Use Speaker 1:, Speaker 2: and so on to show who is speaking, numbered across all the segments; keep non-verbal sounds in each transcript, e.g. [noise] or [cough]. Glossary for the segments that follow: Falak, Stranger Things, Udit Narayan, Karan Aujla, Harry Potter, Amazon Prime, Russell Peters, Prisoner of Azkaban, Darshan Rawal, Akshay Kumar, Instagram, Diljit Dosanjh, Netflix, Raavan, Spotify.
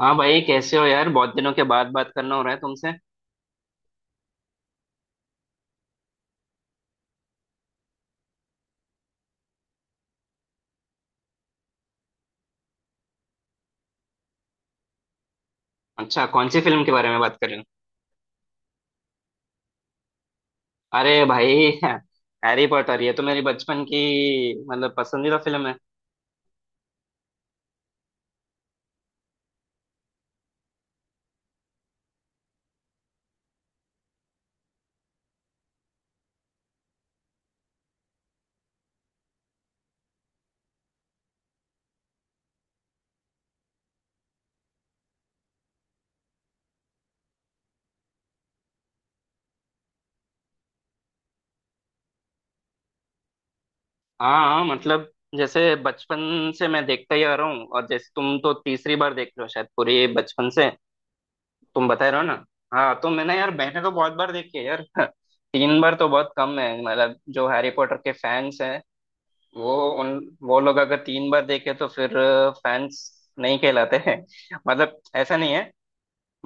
Speaker 1: हाँ भाई, कैसे हो यार? बहुत दिनों के बाद बात करना हो रहा है तुमसे। अच्छा, कौन सी फिल्म के बारे में बात कर रहे हो? अरे भाई, हैरी पॉटर! ये तो मेरी बचपन की मतलब, पसंदीदा फिल्म है। हाँ हाँ, मतलब जैसे बचपन से मैं देखता ही आ रहा हूँ, और जैसे तुम तो तीसरी बार देख रहे हो शायद, पूरी बचपन से तुम बता रहे हो ना। हाँ तो मैंने यार, मैंने तो बहुत बार देखी है यार [laughs] तीन बार तो बहुत कम है, मतलब जो हैरी पॉटर के फैंस हैं, वो वो लोग अगर तीन बार देखे तो फिर फैंस नहीं कहलाते हैं [laughs] मतलब ऐसा नहीं है,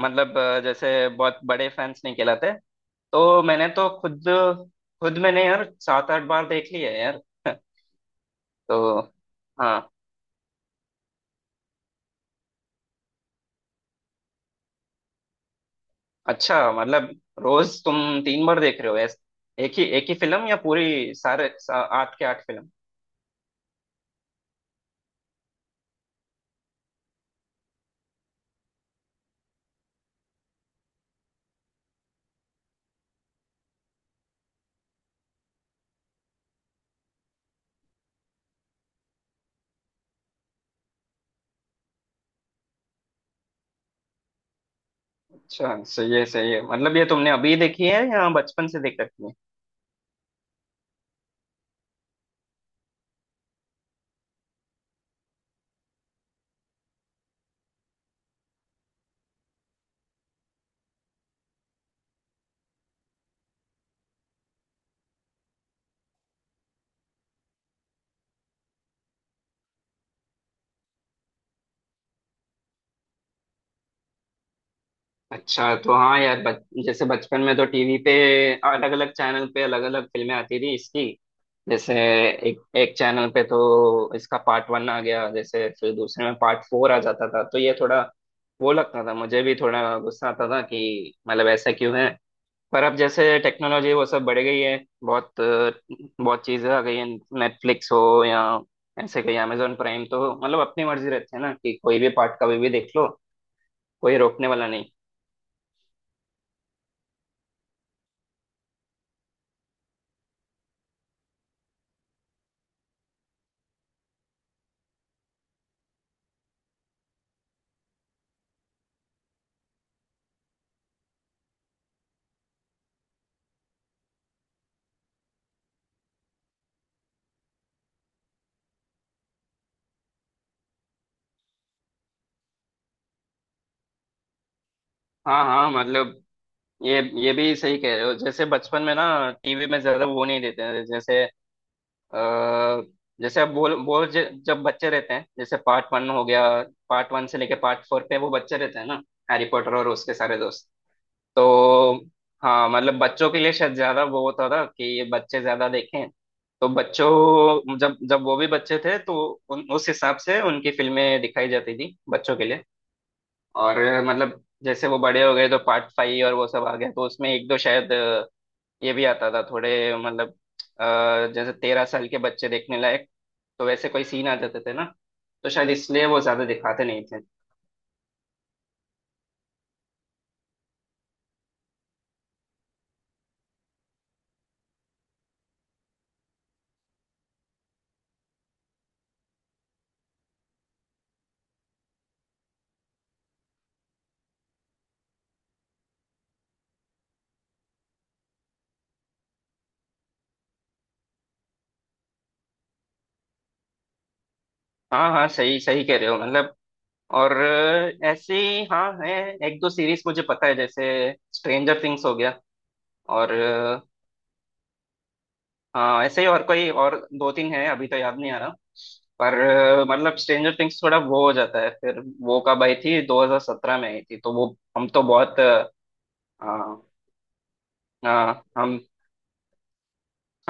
Speaker 1: मतलब जैसे बहुत बड़े फैंस नहीं कहलाते। तो मैंने तो खुद, खुद मैंने यार 7 8 बार देख ली है यार [laughs] तो हाँ, अच्छा मतलब रोज तुम 3 बार देख रहे हो? ऐस एक ही फिल्म, या पूरी 8 के 8 फिल्म? अच्छा, सही है सही है। मतलब ये तुमने अभी देखी है या बचपन से देख रखी है? अच्छा तो हाँ यार, जैसे बचपन में तो टीवी पे अलग अलग चैनल पे अलग अलग फिल्में आती थी इसकी। जैसे एक एक चैनल पे तो इसका पार्ट वन आ गया, जैसे फिर दूसरे में पार्ट फोर आ जाता था, तो ये थोड़ा वो लगता था, मुझे भी थोड़ा गुस्सा आता था कि मतलब ऐसा क्यों है। पर अब जैसे टेक्नोलॉजी वो सब बढ़ गई है, बहुत बहुत चीज़ें आ गई हैं। नेटफ्लिक्स हो या ऐसे कहीं अमेजोन प्राइम, तो मतलब अपनी मर्जी रहती है ना कि कोई भी पार्ट कभी भी देख लो, कोई रोकने वाला नहीं। हाँ हाँ, मतलब ये भी सही कह रहे हो। जैसे बचपन में ना, टीवी में ज्यादा वो नहीं देते हैं। जैसे आ, जैसे अब बोल बोल ज- जब बच्चे रहते हैं, जैसे पार्ट वन हो गया, पार्ट वन से लेके पार्ट फोर पे वो बच्चे रहते हैं ना, हैरी पॉटर और उसके सारे दोस्त। तो हाँ, मतलब बच्चों के लिए शायद ज्यादा वो होता था कि ये बच्चे ज्यादा देखें। तो बच्चों जब जब वो भी बच्चे थे तो उस हिसाब से उनकी फिल्में दिखाई जाती थी बच्चों के लिए। और मतलब जैसे वो बड़े हो गए तो पार्ट फाइव और वो सब आ गया, तो उसमें एक दो शायद, ये भी आता था थोड़े, मतलब जैसे 13 साल के बच्चे देखने लायक, तो वैसे कोई सीन आ जाते थे ना, तो शायद इसलिए वो ज्यादा दिखाते नहीं थे। हाँ हाँ, सही सही कह रहे हो। मतलब और ऐसे ही हाँ है, एक दो सीरीज मुझे पता है, जैसे स्ट्रेंजर थिंग्स हो गया। और हाँ ऐसे ही और कोई और 2 3 है, अभी तो याद नहीं आ रहा। पर मतलब स्ट्रेंजर थिंग्स थोड़ा वो हो जाता है, फिर वो कब आई थी, 2017 में आई थी, तो वो हम तो बहुत हाँ हाँ,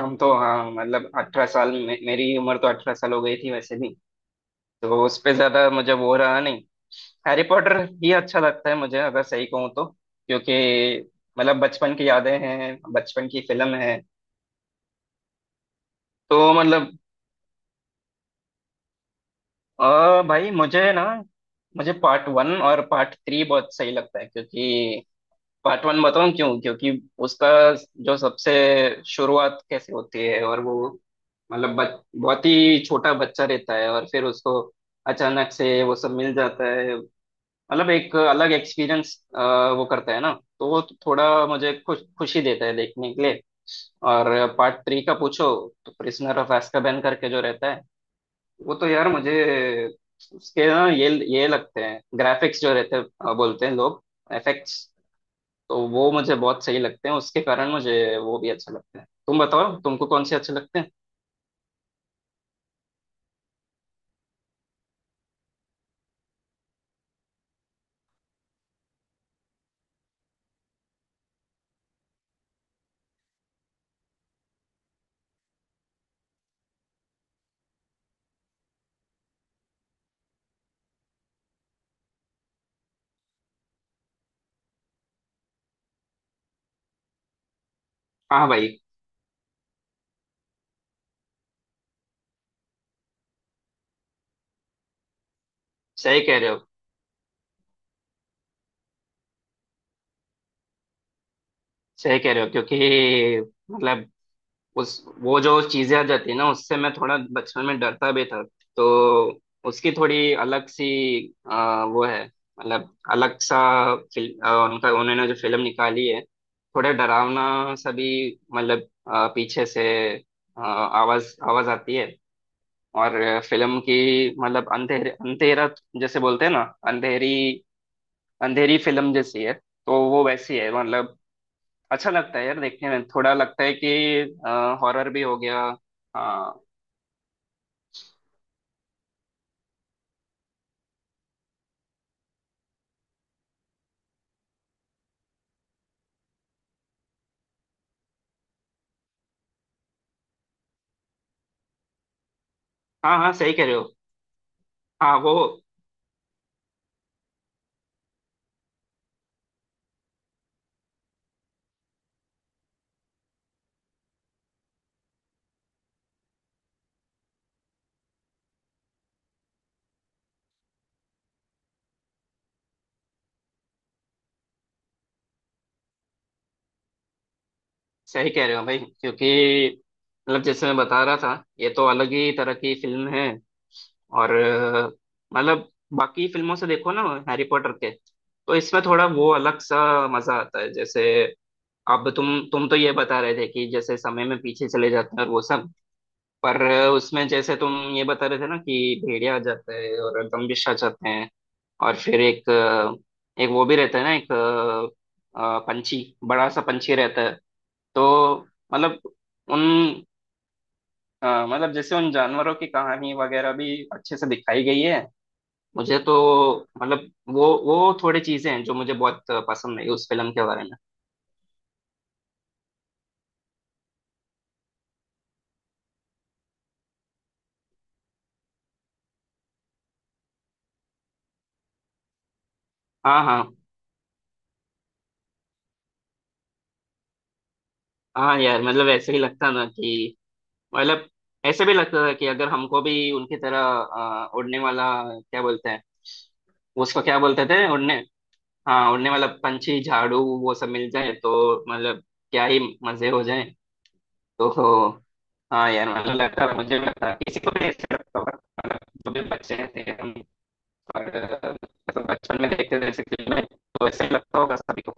Speaker 1: हम तो हाँ, मतलब 18 साल मेरी उम्र तो 18 साल हो गई थी वैसे भी। तो उस पे ज्यादा मुझे वो रहा नहीं। हैरी पॉटर ही अच्छा लगता है मुझे, अगर सही कहूँ तो, क्योंकि मतलब बचपन की यादें हैं, बचपन की फिल्म है। तो मतलब, और भाई मुझे ना, मुझे पार्ट वन और पार्ट थ्री बहुत सही लगता है। क्योंकि पार्ट वन बताऊं क्यों, क्योंकि उसका जो सबसे शुरुआत कैसे होती है, और वो मतलब बहुत ही छोटा बच्चा रहता है और फिर उसको अचानक से वो सब मिल जाता है। मतलब एक अलग एक्सपीरियंस वो करता है ना, तो वो थोड़ा मुझे खुश खुशी देता है देखने के लिए। और पार्ट थ्री का पूछो तो प्रिजनर ऑफ azkaban करके जो रहता है, वो तो यार मुझे, उसके ना ये लगते हैं ग्राफिक्स जो रहते हैं, बोलते हैं लोग एफेक्ट्स, तो वो मुझे बहुत सही लगते हैं। उसके कारण मुझे वो भी अच्छे लगते हैं। तुम बताओ तुमको कौन से अच्छे लगते हैं? हाँ भाई, सही कह रहे हो। सही कह रहे हो, क्योंकि मतलब उस, वो जो चीजें आ जाती है ना उससे मैं थोड़ा बचपन में डरता भी था। तो उसकी थोड़ी अलग सी वो है, मतलब अलग सा फिल्म उनका, उन्होंने जो फिल्म निकाली है, थोड़ा डरावना सा भी। मतलब पीछे से आवाज आवाज आती है, और फिल्म की मतलब अंधेरे अंधेरा, जैसे बोलते हैं ना अंधेरी, अंधेरी फिल्म जैसी है। तो वो वैसी है, मतलब अच्छा लगता है यार देखने में, थोड़ा लगता है कि हॉरर भी हो गया। हाँ हाँ हाँ, सही कह रहे हो। हाँ वो, सही कह रहे हो भाई, क्योंकि मतलब जैसे मैं बता रहा था ये तो अलग ही तरह की फिल्म है। और मतलब बाकी फिल्मों से देखो ना, हैरी पॉटर के, तो इसमें थोड़ा वो अलग सा मजा आता है। जैसे अब तुम तो ये बता रहे थे कि जैसे समय में पीछे चले जाते हैं और वो सब। पर उसमें जैसे तुम ये बता रहे थे ना कि भेड़िया आ जाते हैं और दम्भिष आ जाते हैं। और फिर एक एक वो भी रहता है ना, एक पंछी, बड़ा सा पंछी रहता है। तो मतलब उन, मतलब जैसे उन जानवरों की कहानी वगैरह भी अच्छे से दिखाई गई है मुझे तो। मतलब वो थोड़ी चीजें हैं जो मुझे बहुत पसंद आई उस फिल्म के बारे में। हाँ हाँ हाँ यार, मतलब ऐसे ही लगता ना कि मतलब ऐसे भी लगता था कि अगर हमको भी उनकी तरह उड़ने वाला, क्या बोलते हैं, उसको क्या बोलते थे उड़ने। हाँ उन्हें, मतलब पंछी, झाड़ू, वो सब मिल जाए तो मतलब क्या ही मजे हो जाए। तो हाँ यार, मतलब लगता है, मुझे भी लगता है, किसी को भी ऐसे लगता होगा। मतलब जो भी बच्चे हैं, थे हम, और, मतलब बचपन में देखते थे ऐसी फिल्में, तो ऐसे ही लगता होगा सभी को।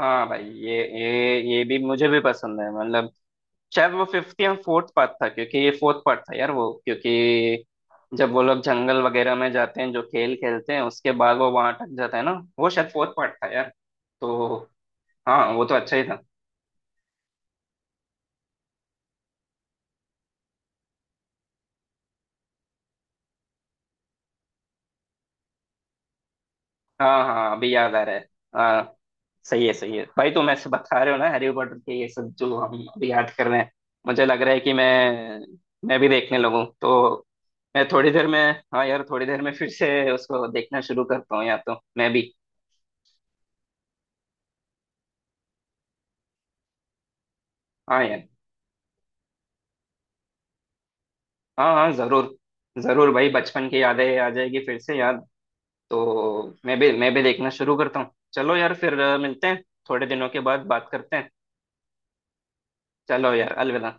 Speaker 1: हाँ भाई, ये भी मुझे भी पसंद है। मतलब शायद वो फिफ्थ या फोर्थ पार्ट था, क्योंकि ये फोर्थ पार्ट था यार वो, क्योंकि जब वो लोग जंगल वगैरह में जाते हैं, जो खेल खेलते हैं, उसके बाद वो वहां अटक जाता है ना, वो शायद फोर्थ पार्ट था यार। तो हाँ, वो तो अच्छा ही था। हाँ हाँ, अभी याद आ रहा है। हाँ सही है भाई, तुम ऐसे बता रहे हो ना हैरी पॉटर के ये सब, जो हम अभी याद कर रहे हैं, मुझे लग रहा है कि मैं भी देखने लगूं तो। मैं थोड़ी देर में, हाँ यार थोड़ी देर में फिर से उसको देखना शुरू करता हूँ, या तो मैं भी। हाँ यार, हाँ हाँ जरूर, जरूर भाई, बचपन की यादें आ जाएगी फिर से याद। तो मैं भी देखना शुरू करता हूँ। चलो यार, फिर मिलते हैं, थोड़े दिनों के बाद बात करते हैं। चलो यार, अलविदा।